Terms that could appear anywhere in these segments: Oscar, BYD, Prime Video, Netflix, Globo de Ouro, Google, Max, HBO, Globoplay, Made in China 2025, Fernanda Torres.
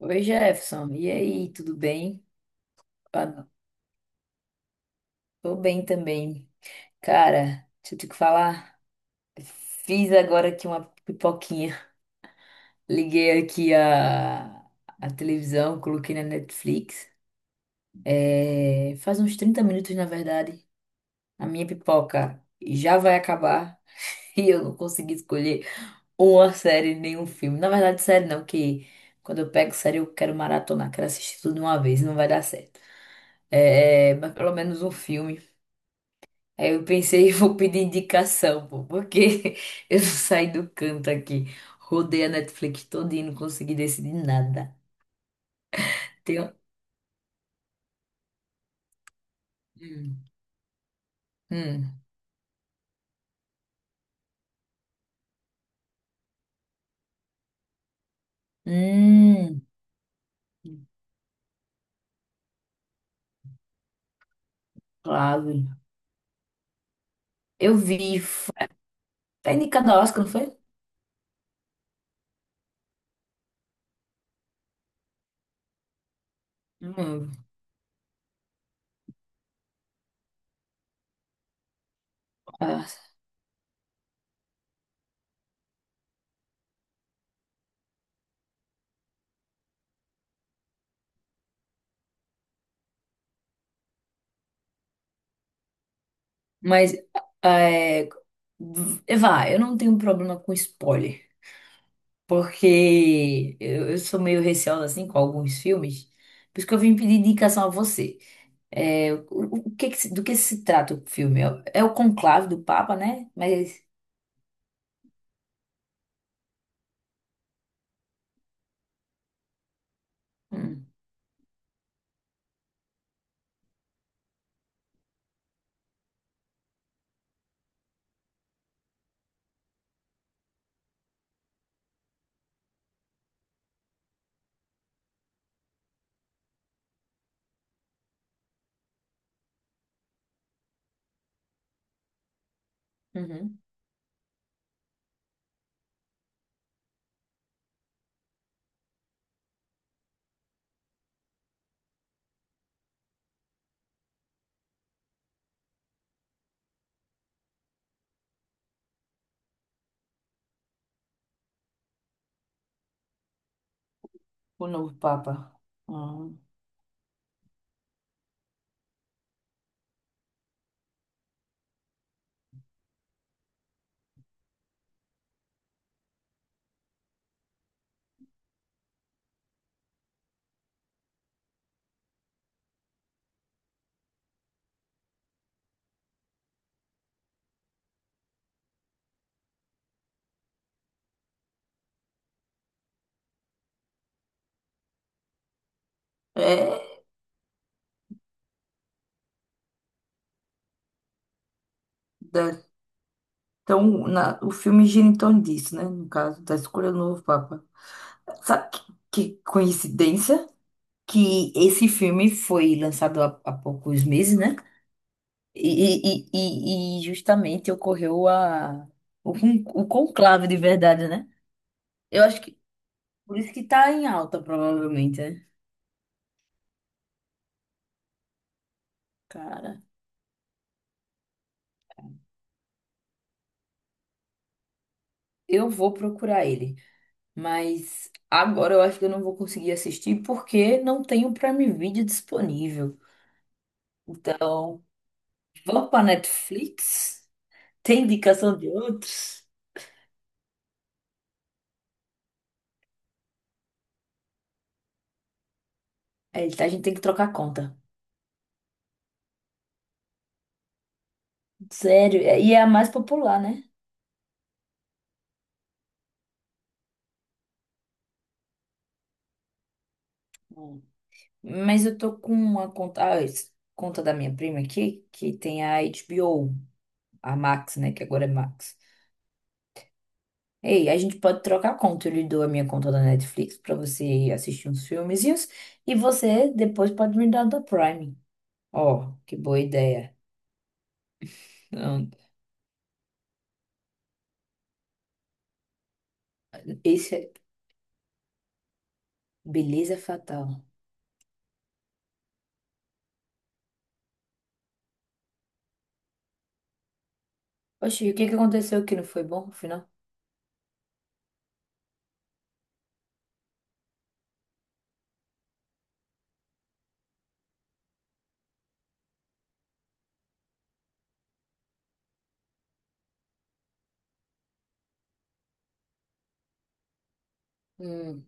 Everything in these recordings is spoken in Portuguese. Oi, Jefferson. E aí, tudo bem? Ah, tô bem também. Cara, deixa eu te falar. Fiz agora aqui uma pipoquinha. Liguei aqui a televisão, coloquei na Netflix. É, faz uns 30 minutos, na verdade. A minha pipoca já vai acabar e eu não consegui escolher uma série, nenhum filme. Na verdade, série não, que quando eu pego série eu quero maratonar, quero assistir tudo de uma vez, não vai dar certo. É, mas pelo menos um filme. Aí eu pensei, vou pedir indicação, pô, porque eu saí do canto aqui. Rodei a Netflix toda e não consegui decidir nada. Tem. Hum. Hum. Hum. Claro. Eu vi. Tá indicado ao Oscar, não foi? Hum. Ah, mas é, vá, eu não tenho problema com spoiler. Porque eu sou meio receosa assim com alguns filmes. Por isso que eu vim pedir indicação a você. É, o que que do que se trata o filme? É, o conclave do Papa, né? Mas. Hum, uhum. O novo Papa. Hum. É, da- então, o filme gira em torno disso, né? No caso, da escolha do novo Papa. Sabe que coincidência? Que esse filme foi lançado há poucos meses, né? E justamente ocorreu o conclave de verdade, né? Eu acho que por isso que tá em alta, provavelmente, né? Cara. Eu vou procurar ele, mas agora eu acho que eu não vou conseguir assistir porque não tem o Prime Video disponível. Então, vamos para Netflix? Tem indicação de outros? É, a gente tem que trocar conta. Sério, e é a mais popular, né? Hum. Mas eu tô com uma conta, ah, conta da minha prima aqui, que tem a HBO, a Max, né? Que agora é Max. Ei, a gente pode trocar a conta. Eu lhe dou a minha conta da Netflix pra você assistir uns filmezinhos e você depois pode me dar da Prime. Ó, que boa ideia. Não, esse é Beleza Fatal. Oxi, o que que aconteceu que não foi bom no final? Hum,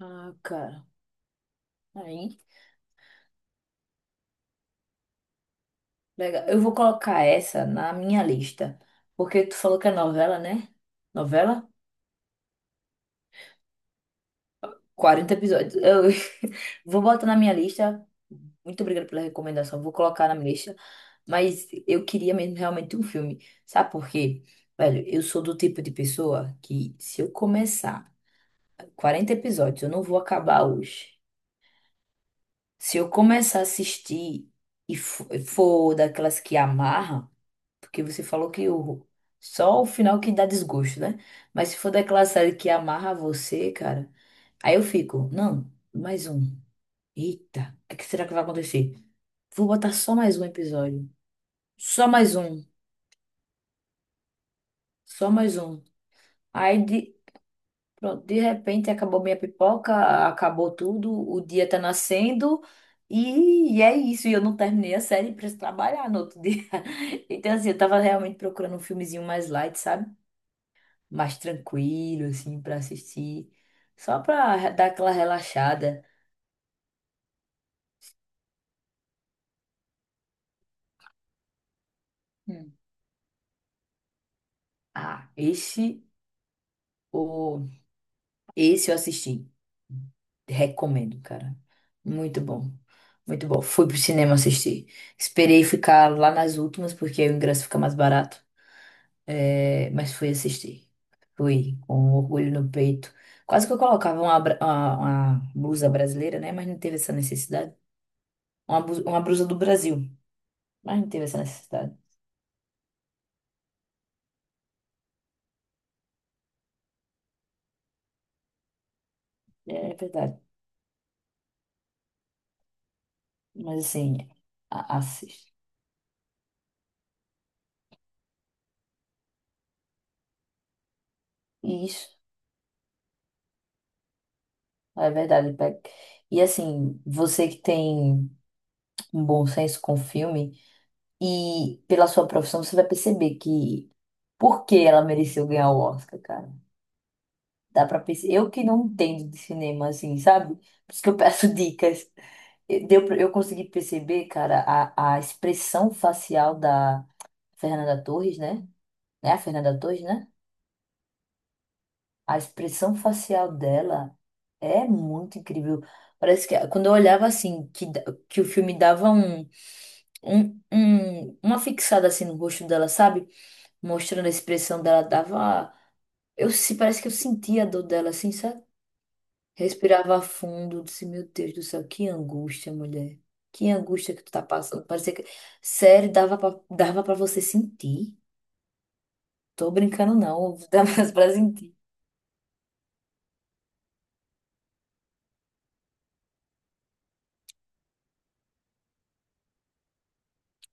ah, cara. Aí, legal. Eu vou colocar essa na minha lista. Porque tu falou que é novela, né? Novela? 40 episódios. Eu vou botar na minha lista. Muito obrigada pela recomendação. Vou colocar na minha lista. Mas eu queria mesmo realmente um filme. Sabe por quê? Velho, eu sou do tipo de pessoa que se eu começar 40 episódios, eu não vou acabar hoje. Se eu começar a assistir e e for daquelas que amarra, porque você falou que o só o final que dá desgosto, né? Mas se for daquela série que amarra você, cara, aí eu fico, não, mais um. Eita, o que será que vai acontecer? Vou botar só mais um episódio. Só mais um. Só mais um. Aí, pronto, de repente, acabou minha pipoca, acabou tudo, o dia tá nascendo. E é isso, e eu não terminei a série pra trabalhar no outro dia. Então, assim, eu tava realmente procurando um filmezinho mais light, sabe? Mais tranquilo, assim, pra assistir. Só pra dar aquela relaxada. Hum. Ah, o esse eu assisti. Recomendo, cara. Muito bom. Muito bom. Fui pro cinema assistir. Esperei ficar lá nas últimas, porque aí o ingresso fica mais barato. É, mas fui assistir. Fui com um orgulho no peito. Quase que eu colocava uma blusa brasileira, né? Mas não teve essa necessidade. Uma blusa do Brasil. Mas não teve essa necessidade. É verdade. Mas assim, assiste. Isso. É verdade, Peck. E assim, você que tem um bom senso com o filme e pela sua profissão você vai perceber que por que ela mereceu ganhar o Oscar, cara. Dá pra perceber. Eu que não entendo de cinema assim, sabe? Por isso que eu peço dicas. Deu pra. Eu consegui perceber, cara, a expressão facial da Fernanda Torres, né? É a Fernanda Torres, né? A expressão facial dela é muito incrível. Parece que quando eu olhava assim, que o filme dava uma fixada assim no rosto dela, sabe? Mostrando a expressão dela, dava. Eu se parece que eu sentia a dor dela, assim, sabe? Respirava fundo, disse, meu Deus do céu, que angústia, mulher. Que angústia que tu tá passando. Parecia que. Sério, dava pra você sentir. Tô brincando, não. Dava pra sentir.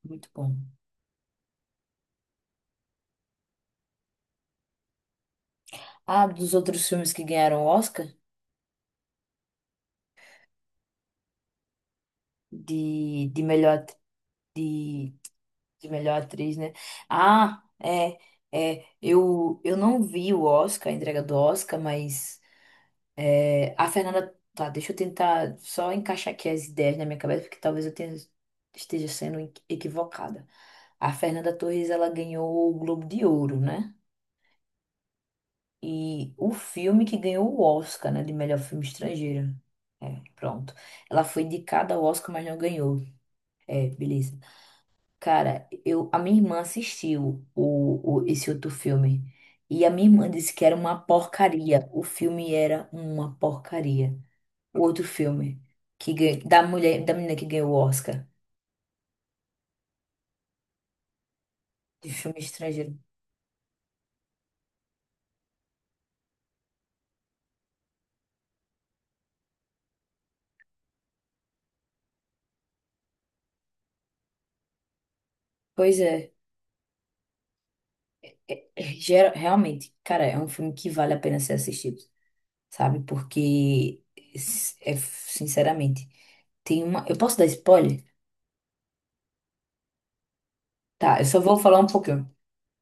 Muito bom. Ah, dos outros filmes que ganharam Oscar de, de melhor at- de, de melhor atriz, né? Ah, é, eu não vi o Oscar, a entrega do Oscar, mas é, a Fernanda. Tá, deixa eu tentar só encaixar aqui as ideias na minha cabeça, porque talvez eu esteja sendo equivocada. A Fernanda Torres, ela ganhou o Globo de Ouro, né? E o filme que ganhou o Oscar, né, de melhor filme estrangeiro. É, pronto. Ela foi indicada ao Oscar, mas não ganhou. É, beleza. Cara, a minha irmã assistiu esse outro filme. E a minha irmã disse que era uma porcaria. O filme era uma porcaria. O outro filme que da mulher, da menina que ganhou o Oscar de filme estrangeiro. Pois é, realmente, cara, é um filme que vale a pena ser assistido, sabe? Porque é sinceramente, tem eu posso dar spoiler? Tá, eu só vou falar um pouquinho.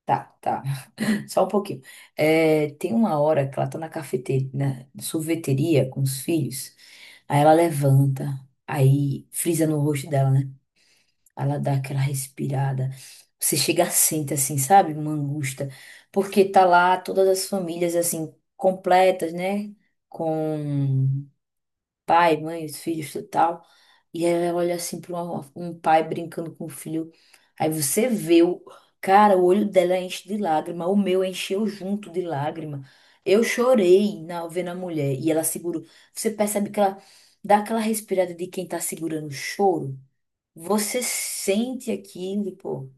Tá, tá. Só um pouquinho. É, tem uma hora que ela tá na cafeteria, na sorveteria com os filhos. Aí ela levanta, aí frisa no rosto dela, né? Ela dá aquela respirada. Você chega, sente assim, sabe? Uma angústia. Porque tá lá todas as famílias, assim, completas, né? Com pai, mãe, os filhos, tudo tal. E aí ela olha assim para um pai brincando com o filho. Aí você vê o. Cara, o olho dela enche de lágrima. O meu encheu junto de lágrima. Eu chorei na vendo a mulher. E ela segurou. Você percebe que ela dá aquela respirada de quem tá segurando o choro. Você sente aquilo, pô.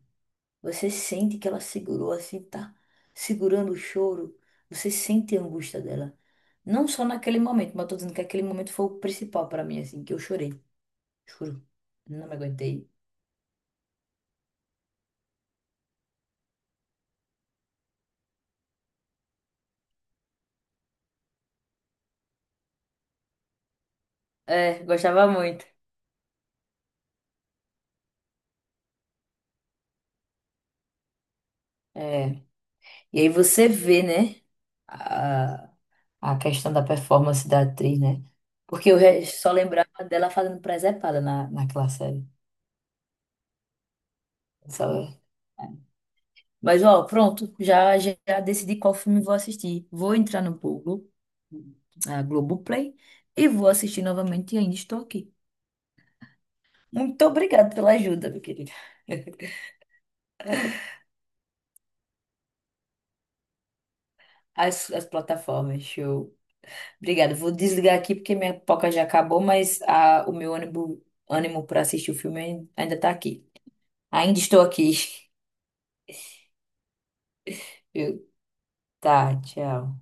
Você sente que ela segurou assim, tá segurando o choro. Você sente a angústia dela. Não só naquele momento, mas eu tô dizendo que aquele momento foi o principal pra mim, assim, que eu chorei. Juro. Não me aguentei. É, gostava muito. É. E aí você vê, né, a, a questão da performance da atriz, né? Porque eu só lembrava dela fazendo presepada naquela série. Só. Mas, ó, pronto, já decidi qual filme vou assistir. Vou entrar no Google, a Globoplay, e vou assistir novamente e ainda estou aqui. Muito obrigada pela ajuda, meu querido. As plataformas, show. Obrigada. Vou desligar aqui porque minha pipoca já acabou, mas o meu ânimo para assistir o filme ainda está aqui. Ainda estou aqui. Eu- Tá, tchau.